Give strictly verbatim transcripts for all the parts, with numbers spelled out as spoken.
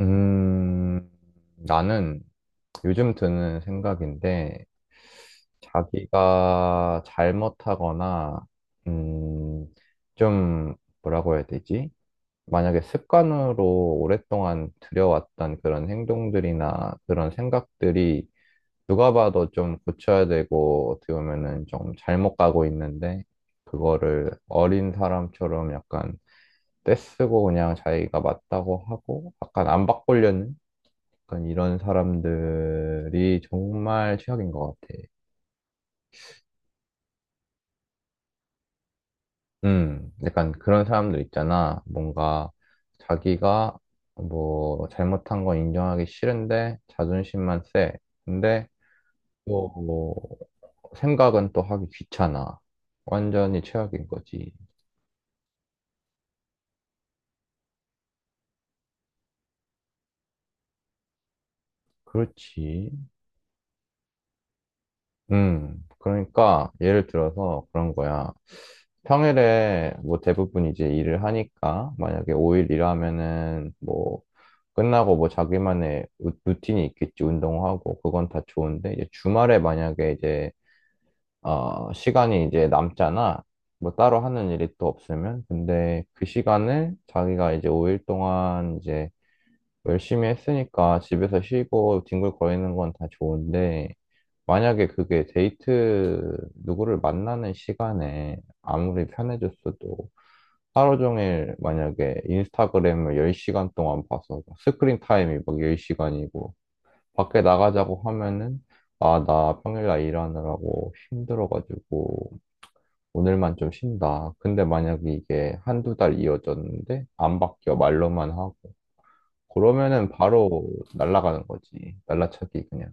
음, 나는 요즘 드는 생각인데, 자기가 잘못하거나, 음, 좀, 뭐라고 해야 되지? 만약에 습관으로 오랫동안 들여왔던 그런 행동들이나 그런 생각들이 누가 봐도 좀 고쳐야 되고, 어떻게 보면은 좀 잘못 가고 있는데, 그거를 어린 사람처럼 약간 떼쓰고 그냥 자기가 맞다고 하고, 약간 안 바꾸려는? 약간 이런 사람들이 정말 최악인 것 같아. 음, 약간 그런 사람들 있잖아. 뭔가 자기가 뭐 잘못한 건 인정하기 싫은데 자존심만 세. 근데 또뭐 생각은 또 하기 귀찮아. 완전히 최악인 거지. 그렇지. 음, 그러니까 예를 들어서 그런 거야. 평일에 뭐 대부분 이제 일을 하니까 만약에 오 일 일하면은 뭐 끝나고 뭐 자기만의 루- 루틴이 있겠지, 운동하고, 그건 다 좋은데, 이제 주말에 만약에 이제, 어, 시간이 이제 남잖아. 뭐 따로 하는 일이 또 없으면. 근데 그 시간을 자기가 이제 오 일 동안 이제 열심히 했으니까 집에서 쉬고 뒹굴거리는 건 다 좋은데, 만약에 그게 데이트 누구를 만나는 시간에 아무리 편해졌어도 하루 종일 만약에 인스타그램을 열 시간 동안 봐서 스크린 타임이 막 열 시간이고 밖에 나가자고 하면은 아, 나 평일날 일하느라고 힘들어가지고 오늘만 좀 쉰다. 근데 만약에 이게 한두 달 이어졌는데 안 바뀌어 말로만 하고 그러면은 바로 날아가는 거지. 날라차기 그냥.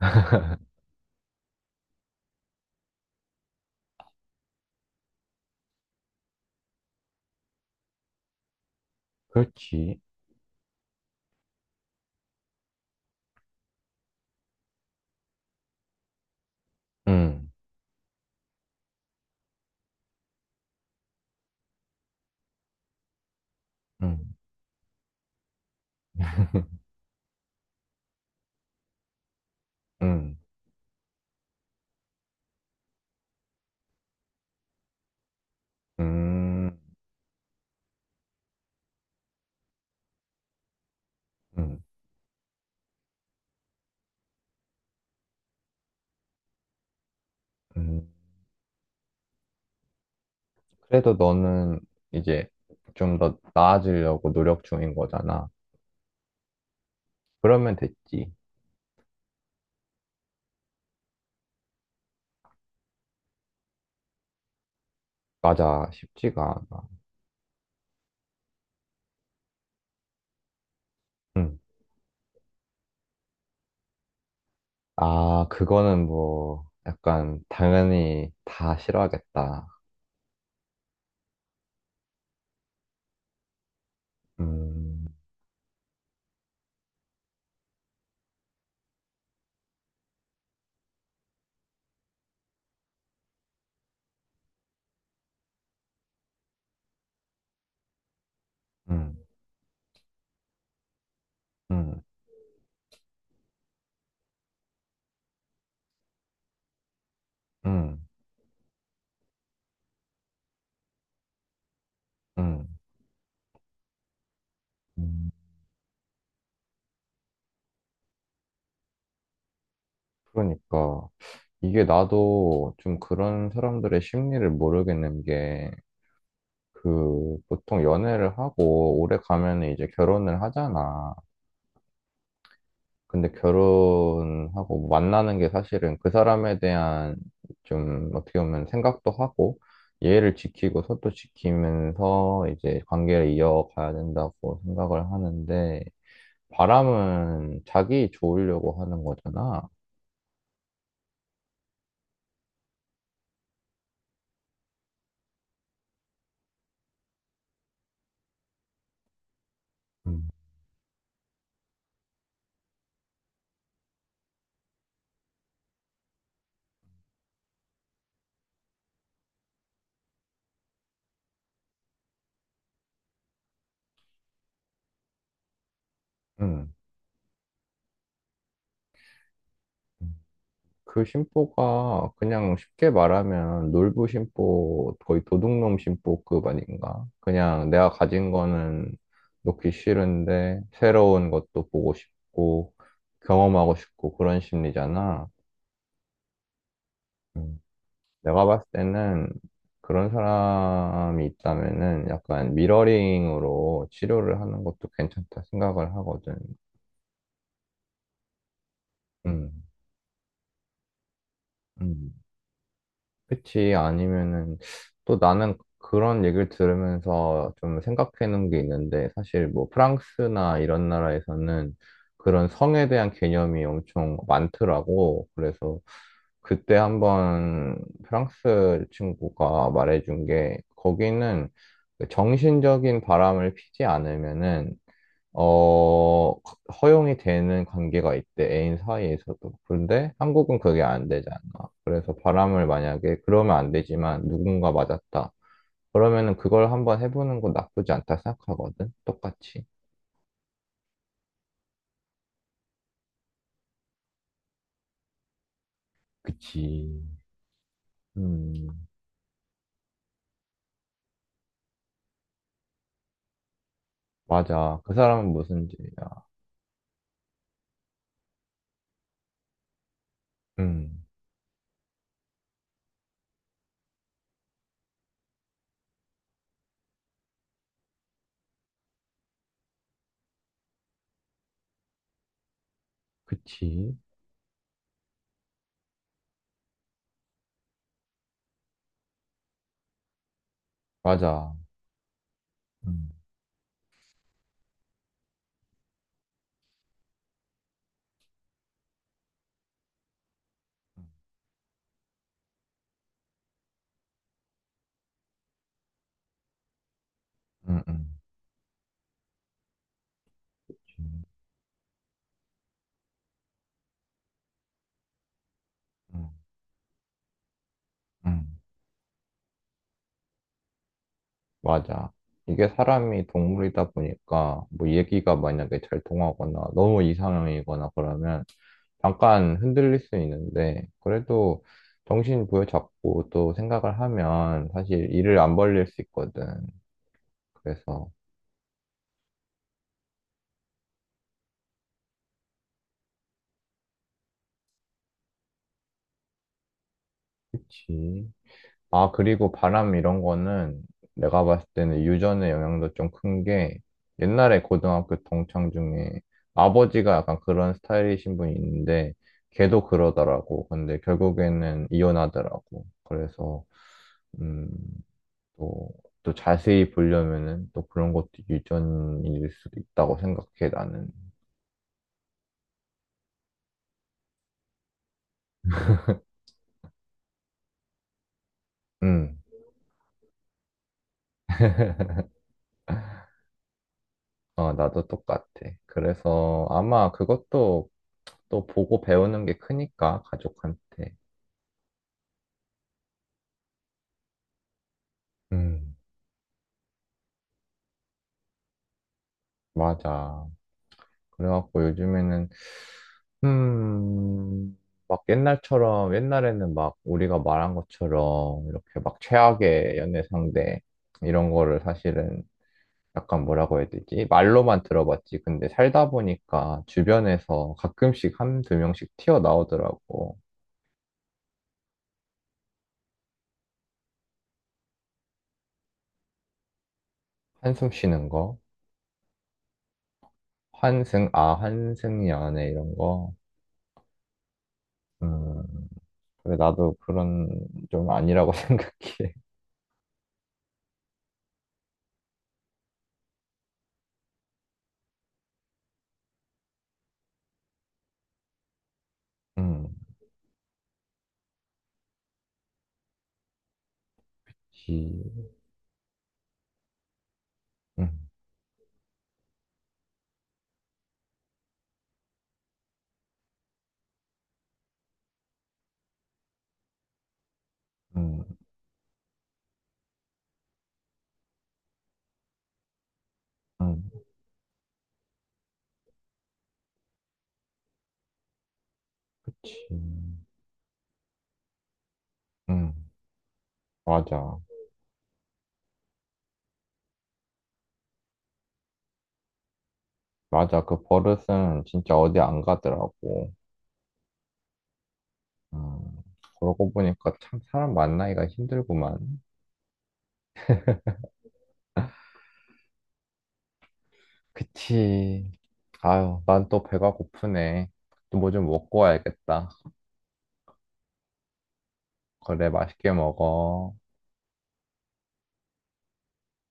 그렇지. 응, 응, 응, 음, 음, 음. 그래도 너는 이제 좀 더 나아지려고 노력 중인 거잖아. 그러면 됐지. 맞아, 쉽지가 않아. 응. 아, 그거는 뭐, 약간, 당연히 다 싫어하겠다. 음, 음, 음, 음, 음. 음. 그러니까, 이게 나도 좀 그런 사람들의 심리를 모르겠는 게, 그, 보통 연애를 하고 오래 가면 이제 결혼을 하잖아. 근데 결혼하고 뭐 만나는 게 사실은 그 사람에 대한 좀 어떻게 보면 생각도 하고 예의를 지키고 서로 지키면서 이제 관계를 이어가야 된다고 생각을 하는데 바람은 자기 좋으려고 하는 거잖아. 음. 음. 그 심보가 그냥 쉽게 말하면 놀부 심보, 거의 도둑놈 심보급 아닌가? 그냥 내가 가진 거는 놓기 싫은데 새로운 것도 보고 싶고 경험하고 싶고 그런 심리잖아. 음. 내가 봤을 때는 그런 사람이 있다면은 약간 미러링으로 치료를 하는 것도 괜찮다 생각을 하거든. 음. 음. 그치. 아니면은 또 나는 그런 얘기를 들으면서 좀 생각해 놓은 게 있는데 사실 뭐 프랑스나 이런 나라에서는 그런 성에 대한 개념이 엄청 많더라고. 그래서 그때 한번 프랑스 친구가 말해준 게 거기는 정신적인 바람을 피지 않으면은 어, 허용이 되는 관계가 있대, 애인 사이에서도. 그런데 한국은 그게 안 되잖아. 그래서 바람을 만약에, 그러면 안 되지만 누군가 맞았다. 그러면은 그걸 한번 해보는 건 나쁘지 않다 생각하거든? 똑같이. 그치. 음, 맞아. 그 사람은 무슨 죄야. 음, 그치. 맞아. 음, 음, 음. 음, 음. 맞아. 이게 사람이 동물이다 보니까 뭐 얘기가 만약에 잘 통하거나 너무 이상형이거나 그러면 잠깐 흔들릴 수 있는데 그래도 정신 부여잡고 또 생각을 하면 사실 일을 안 벌릴 수 있거든. 그래서 그치. 아, 그리고 바람 이런 거는 내가 봤을 때는 유전의 영향도 좀 큰 게 옛날에 고등학교 동창 중에 아버지가 약간 그런 스타일이신 분이 있는데 걔도 그러더라고. 근데 결국에는 이혼하더라고. 그래서, 음, 또, 또 자세히 보려면은 또 그런 것도 유전일 수도 있다고 생각해, 나는. 음, 어, 나도 똑같아. 그래서 아마 그것도 또 보고 배우는 게 크니까, 가족한테. 음, 맞아. 그래갖고 요즘에는, 음, 막 옛날처럼, 옛날에는 막 우리가 말한 것처럼 이렇게 막 최악의 연애 상대, 이런 거를 사실은 약간 뭐라고 해야 되지? 말로만 들어봤지. 근데 살다 보니까 주변에서 가끔씩 한 두 명씩 튀어나오더라고. 한숨 쉬는 거. 환승, 아, 환승 연애 이런 거. 음, 그래, 나도 그런 좀 아니라고 생각해. 음. 그치. 음, 음, 음, 그치. 음, 맞아. 맞아. 그 버릇은 진짜 어디 안 가더라고. 음, 그러고 보니까 참 사람 만나기가 힘들구만. 그치. 아유, 난 또 배가 고프네. 또 뭐 좀 먹고 와야겠다. 그래, 맛있게 먹어.